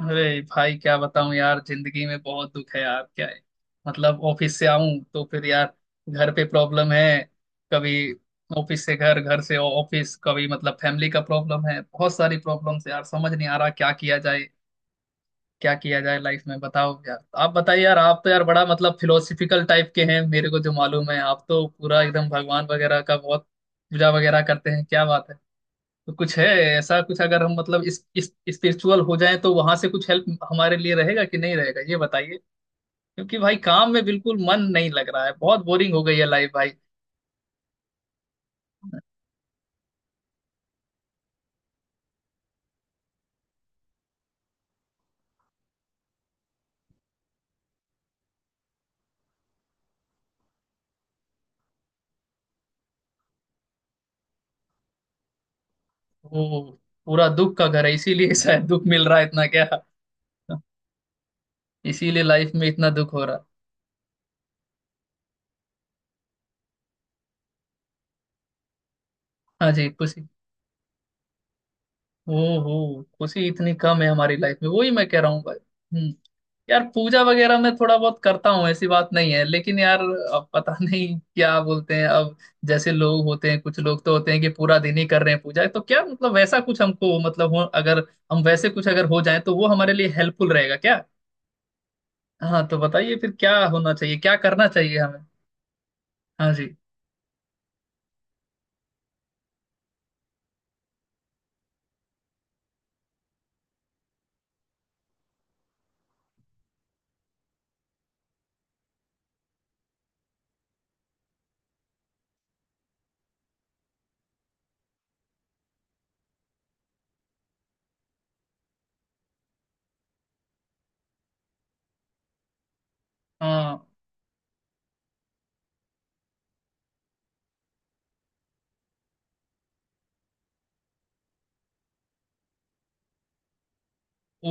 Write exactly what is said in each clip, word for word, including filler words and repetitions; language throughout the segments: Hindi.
अरे भाई, क्या बताऊं यार, जिंदगी में बहुत दुख है यार। क्या है मतलब, ऑफिस से आऊं तो फिर यार घर पे प्रॉब्लम है। कभी ऑफिस से घर, घर से ऑफिस, कभी मतलब फैमिली का प्रॉब्लम है, बहुत सारी प्रॉब्लम्स यार, समझ नहीं आ रहा क्या किया जाए। क्या किया जाए लाइफ में, बताओ यार। आप बताइए यार, आप तो यार बड़ा मतलब फिलोसफिकल टाइप के हैं, मेरे को जो मालूम है। आप तो पूरा एकदम भगवान वगैरह का बहुत पूजा वगैरह करते हैं, क्या बात है। तो कुछ है, ऐसा कुछ अगर हम मतलब इस इस स्पिरिचुअल हो जाएं तो वहां से कुछ हेल्प हमारे लिए रहेगा कि नहीं रहेगा, ये बताइए। क्योंकि भाई, काम में बिल्कुल मन नहीं लग रहा है, बहुत बोरिंग हो गई है लाइफ भाई। वो पूरा दुख का घर है, इसीलिए शायद दुख मिल रहा है इतना, क्या इसीलिए लाइफ में इतना दुख हो रहा है। हाँ जी, खुशी, ओ हो, खुशी इतनी कम है हमारी लाइफ में, वही मैं कह रहा हूँ भाई। हम्म यार, पूजा वगैरह मैं थोड़ा बहुत करता हूँ, ऐसी बात नहीं है, लेकिन यार अब पता नहीं क्या बोलते हैं अब, जैसे लोग होते हैं, कुछ लोग तो होते हैं कि पूरा दिन ही कर रहे हैं पूजा, तो क्या मतलब वैसा कुछ हमको मतलब हो, अगर हम वैसे कुछ अगर हो जाए तो वो हमारे लिए हेल्पफुल रहेगा क्या? हाँ तो बताइए फिर क्या होना चाहिए, क्या करना चाहिए हमें? हाँ जी। हाँ।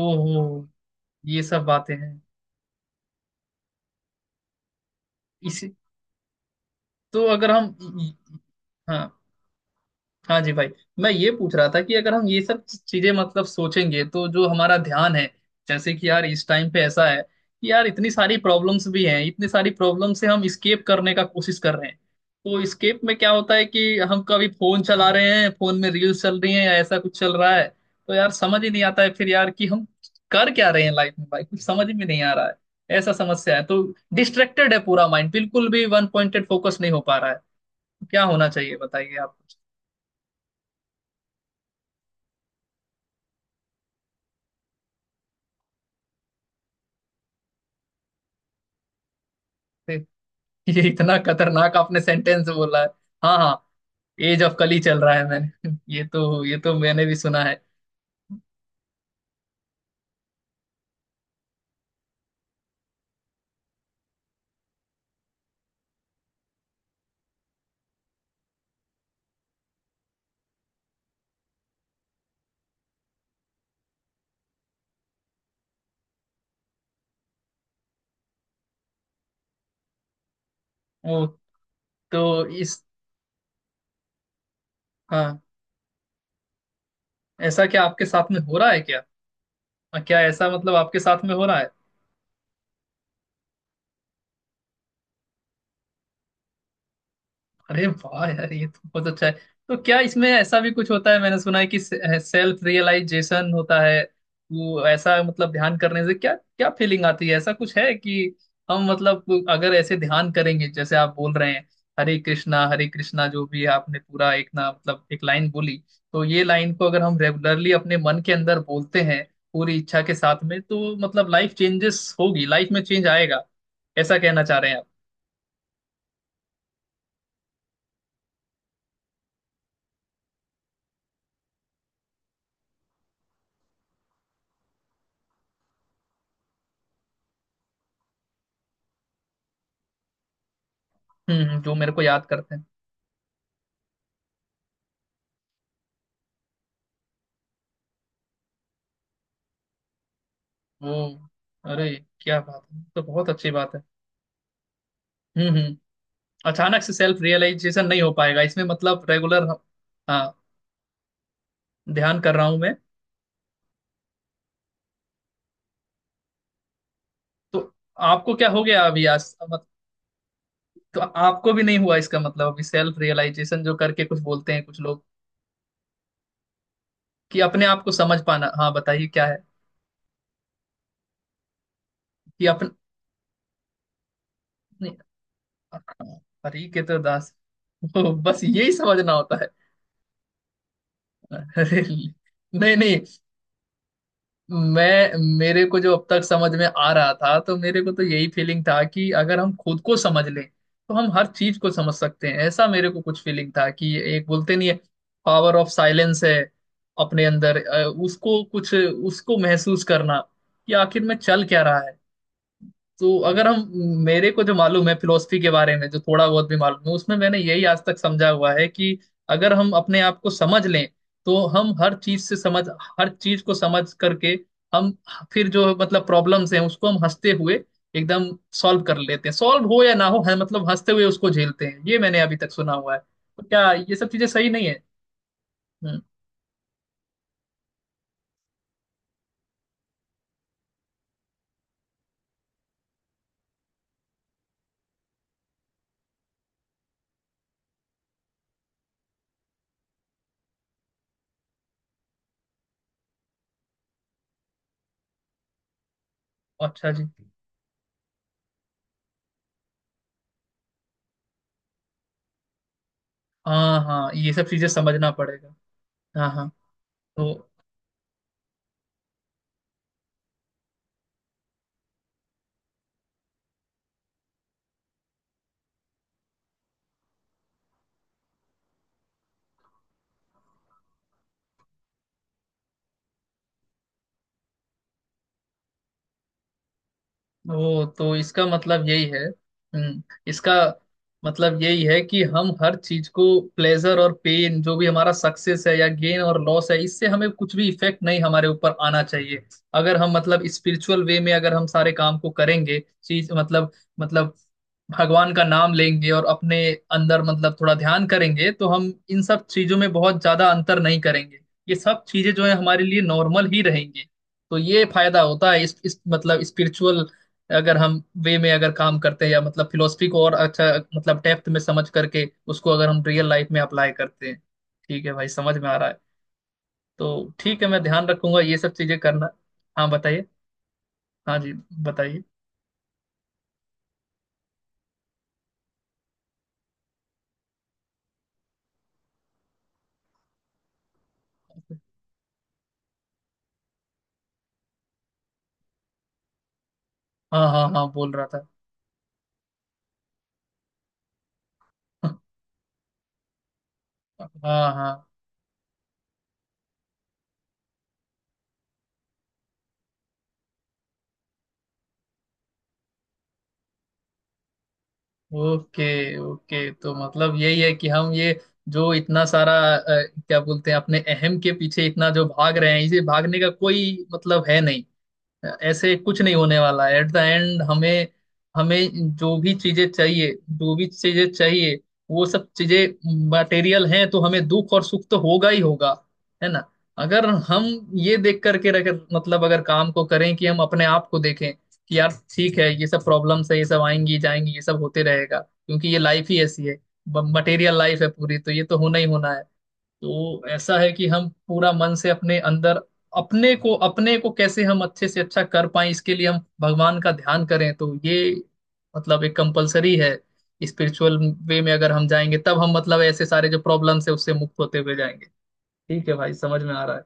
ओहो, ये सब बातें हैं। इसी तो अगर हम, हाँ हाँ जी भाई, मैं ये पूछ रहा था कि अगर हम ये सब चीजें मतलब सोचेंगे तो जो हमारा ध्यान है, जैसे कि यार इस टाइम पे ऐसा है कि यार इतनी सारी प्रॉब्लम्स भी हैं, इतनी सारी प्रॉब्लम से हम स्केप करने का कोशिश कर रहे हैं। तो स्केप में क्या होता है कि हम कभी फोन चला रहे हैं, फोन में रील्स चल रही हैं या ऐसा कुछ चल रहा है। तो यार समझ ही नहीं आता है फिर यार कि हम कर क्या रहे हैं लाइफ में भाई, कुछ समझ में नहीं आ रहा है, ऐसा समस्या है। तो डिस्ट्रैक्टेड है पूरा माइंड, बिल्कुल भी वन पॉइंटेड फोकस नहीं हो पा रहा है। तो क्या होना चाहिए बताइए आप कुछ। ये इतना खतरनाक आपने सेंटेंस बोला है। हाँ हाँ, एज ऑफ कली चल रहा है, मैंने ये तो ये तो मैंने भी सुना है। वो तो इस हाँ, ऐसा क्या आपके साथ में हो रहा है क्या? हाँ, क्या ऐसा मतलब आपके साथ में हो रहा है? अरे वाह यार, ये तो बहुत अच्छा है। तो क्या इसमें ऐसा भी कुछ होता है? मैंने सुना है कि सेल्फ रियलाइजेशन होता है। वो ऐसा मतलब ध्यान करने से क्या क्या फीलिंग आती है, ऐसा कुछ है कि हम मतलब अगर ऐसे ध्यान करेंगे जैसे आप बोल रहे हैं, हरे कृष्णा हरे कृष्णा, जो भी आपने पूरा एक ना मतलब एक लाइन बोली, तो ये लाइन को अगर हम रेगुलरली अपने मन के अंदर बोलते हैं पूरी इच्छा के साथ में, तो मतलब लाइफ चेंजेस होगी, लाइफ में चेंज आएगा, ऐसा कहना चाह रहे हैं आप? हम्म हम्म, जो मेरे को याद करते हैं। ओ, अरे क्या बात है, तो बहुत अच्छी बात है। हम्म हम्म, अचानक से सेल्फ रियलाइजेशन नहीं हो पाएगा इसमें, मतलब रेगुलर। हाँ, ध्यान कर रहा हूं मैं। तो आपको क्या हो गया अभी? आज मत- तो आपको भी नहीं हुआ, इसका मतलब अभी सेल्फ रियलाइजेशन जो करके कुछ बोलते हैं कुछ लोग कि अपने आप को समझ पाना? हाँ बताइए क्या है। कि अपने हरी के तो दास, ओ, बस यही समझना होता है? अरे नहीं नहीं, मैं, मेरे को जो अब तक समझ में आ रहा था, तो मेरे को तो यही फीलिंग था कि अगर हम खुद को समझ लें तो हम हर चीज को समझ सकते हैं, ऐसा मेरे को कुछ फीलिंग था कि एक बोलते नहीं है, पावर ऑफ साइलेंस है, अपने अंदर अ, उसको कुछ उसको महसूस करना कि आखिर में चल क्या रहा है। तो अगर हम, मेरे को जो मालूम है फिलोसफी के बारे में जो थोड़ा बहुत भी मालूम है, उसमें मैंने यही आज तक समझा हुआ है कि अगर हम अपने आप को समझ लें तो हम हर चीज से समझ, हर चीज को समझ करके हम फिर जो मतलब प्रॉब्लम्स हैं उसको हम हंसते हुए एकदम सॉल्व कर लेते हैं, सॉल्व हो या ना हो है मतलब हंसते हुए उसको झेलते हैं, ये मैंने अभी तक सुना हुआ है। तो क्या ये सब चीजें सही नहीं है? हम्म। अच्छा जी। हाँ हाँ, ये सब चीजें समझना पड़ेगा। हाँ हाँ। तो ओ, तो इसका मतलब यही है। हम्म, इसका मतलब यही है कि हम हर चीज को, प्लेजर और पेन, जो भी हमारा सक्सेस है या गेन और लॉस है, इससे हमें कुछ भी इफेक्ट नहीं हमारे ऊपर आना चाहिए। अगर हम मतलब स्पिरिचुअल वे में अगर हम सारे काम को करेंगे, चीज मतलब, मतलब भगवान का नाम लेंगे और अपने अंदर मतलब थोड़ा ध्यान करेंगे तो हम इन सब चीजों में बहुत ज्यादा अंतर नहीं करेंगे, ये सब चीजें जो है हमारे लिए नॉर्मल ही रहेंगी। तो ये फायदा होता है इस, इस मतलब स्पिरिचुअल, अगर हम वे में अगर काम करते हैं या मतलब फिलोसफी को और अच्छा मतलब डेप्थ में समझ करके उसको अगर हम रियल लाइफ में अप्लाई करते हैं। ठीक है भाई, समझ में आ रहा है। तो ठीक है, मैं ध्यान रखूंगा ये सब चीजें करना। हाँ बताइए। हाँ जी, बताइए। हाँ हाँ हाँ, बोल रहा था हाँ हाँ। ओके। ओके, तो मतलब यही है कि हम ये जो इतना सारा अ, क्या बोलते हैं अपने अहम के पीछे इतना जो भाग रहे हैं, इसे भागने का कोई मतलब है नहीं, ऐसे कुछ नहीं होने वाला है एट द एंड हमें। हमें जो भी चीजें चाहिए, जो भी चीजें चाहिए, वो सब चीजें मटेरियल हैं, तो हमें दुख और सुख तो होगा ही होगा, है ना? अगर हम ये देख करके रख, मतलब अगर काम को करें कि हम अपने आप को देखें कि यार, ठीक है, ये सब प्रॉब्लम्स है, ये सब आएंगी जाएंगी, ये सब होते रहेगा क्योंकि ये लाइफ ही ऐसी है, मटेरियल लाइफ है पूरी, तो ये तो होना ही होना है। तो ऐसा है कि हम पूरा मन से अपने अंदर, अपने को, अपने को कैसे हम अच्छे से अच्छा कर पाए, इसके लिए हम भगवान का ध्यान करें, तो ये मतलब एक कंपलसरी है स्पिरिचुअल वे में, अगर हम जाएंगे तब हम मतलब ऐसे सारे जो प्रॉब्लम्स है उससे मुक्त होते हुए जाएंगे। ठीक है भाई, समझ में आ रहा है।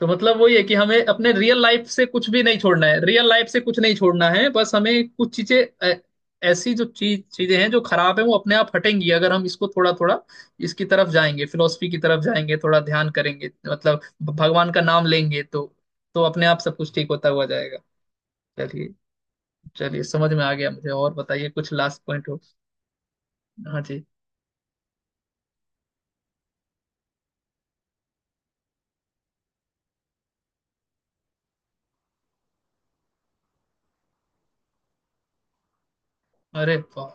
तो मतलब वही है कि हमें अपने रियल लाइफ से कुछ भी नहीं छोड़ना है, रियल लाइफ से कुछ नहीं छोड़ना है, बस हमें कुछ चीजें अ, ऐसी जो चीज चीजें हैं जो खराब है, वो अपने आप हटेंगी अगर हम इसको थोड़ा थोड़ा इसकी तरफ जाएंगे, फिलोसफी की तरफ जाएंगे, थोड़ा ध्यान करेंगे, मतलब भगवान का नाम लेंगे, तो तो अपने आप सब कुछ ठीक होता हुआ जाएगा। चलिए, चलिए, समझ में आ गया मुझे। और बताइए कुछ लास्ट पॉइंट हो? हाँ जी। अरे वाह।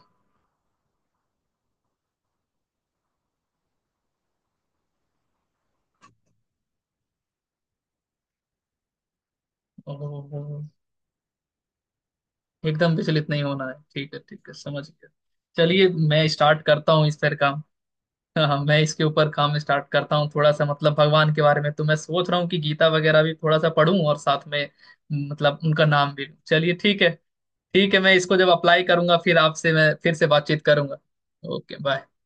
ओह, एकदम विचलित नहीं होना है, ठीक है, ठीक है, समझ गया। चलिए, मैं स्टार्ट करता हूँ इस पर काम। हाँ हाँ, मैं इसके ऊपर काम स्टार्ट करता हूँ थोड़ा सा, मतलब भगवान के बारे में तो मैं सोच रहा हूँ कि गीता वगैरह भी थोड़ा सा पढूं और साथ में मतलब उनका नाम भी लूं। चलिए, ठीक है। ठीक है, मैं इसको जब अप्लाई करूंगा फिर आपसे मैं फिर से बातचीत करूंगा। Okay, bye.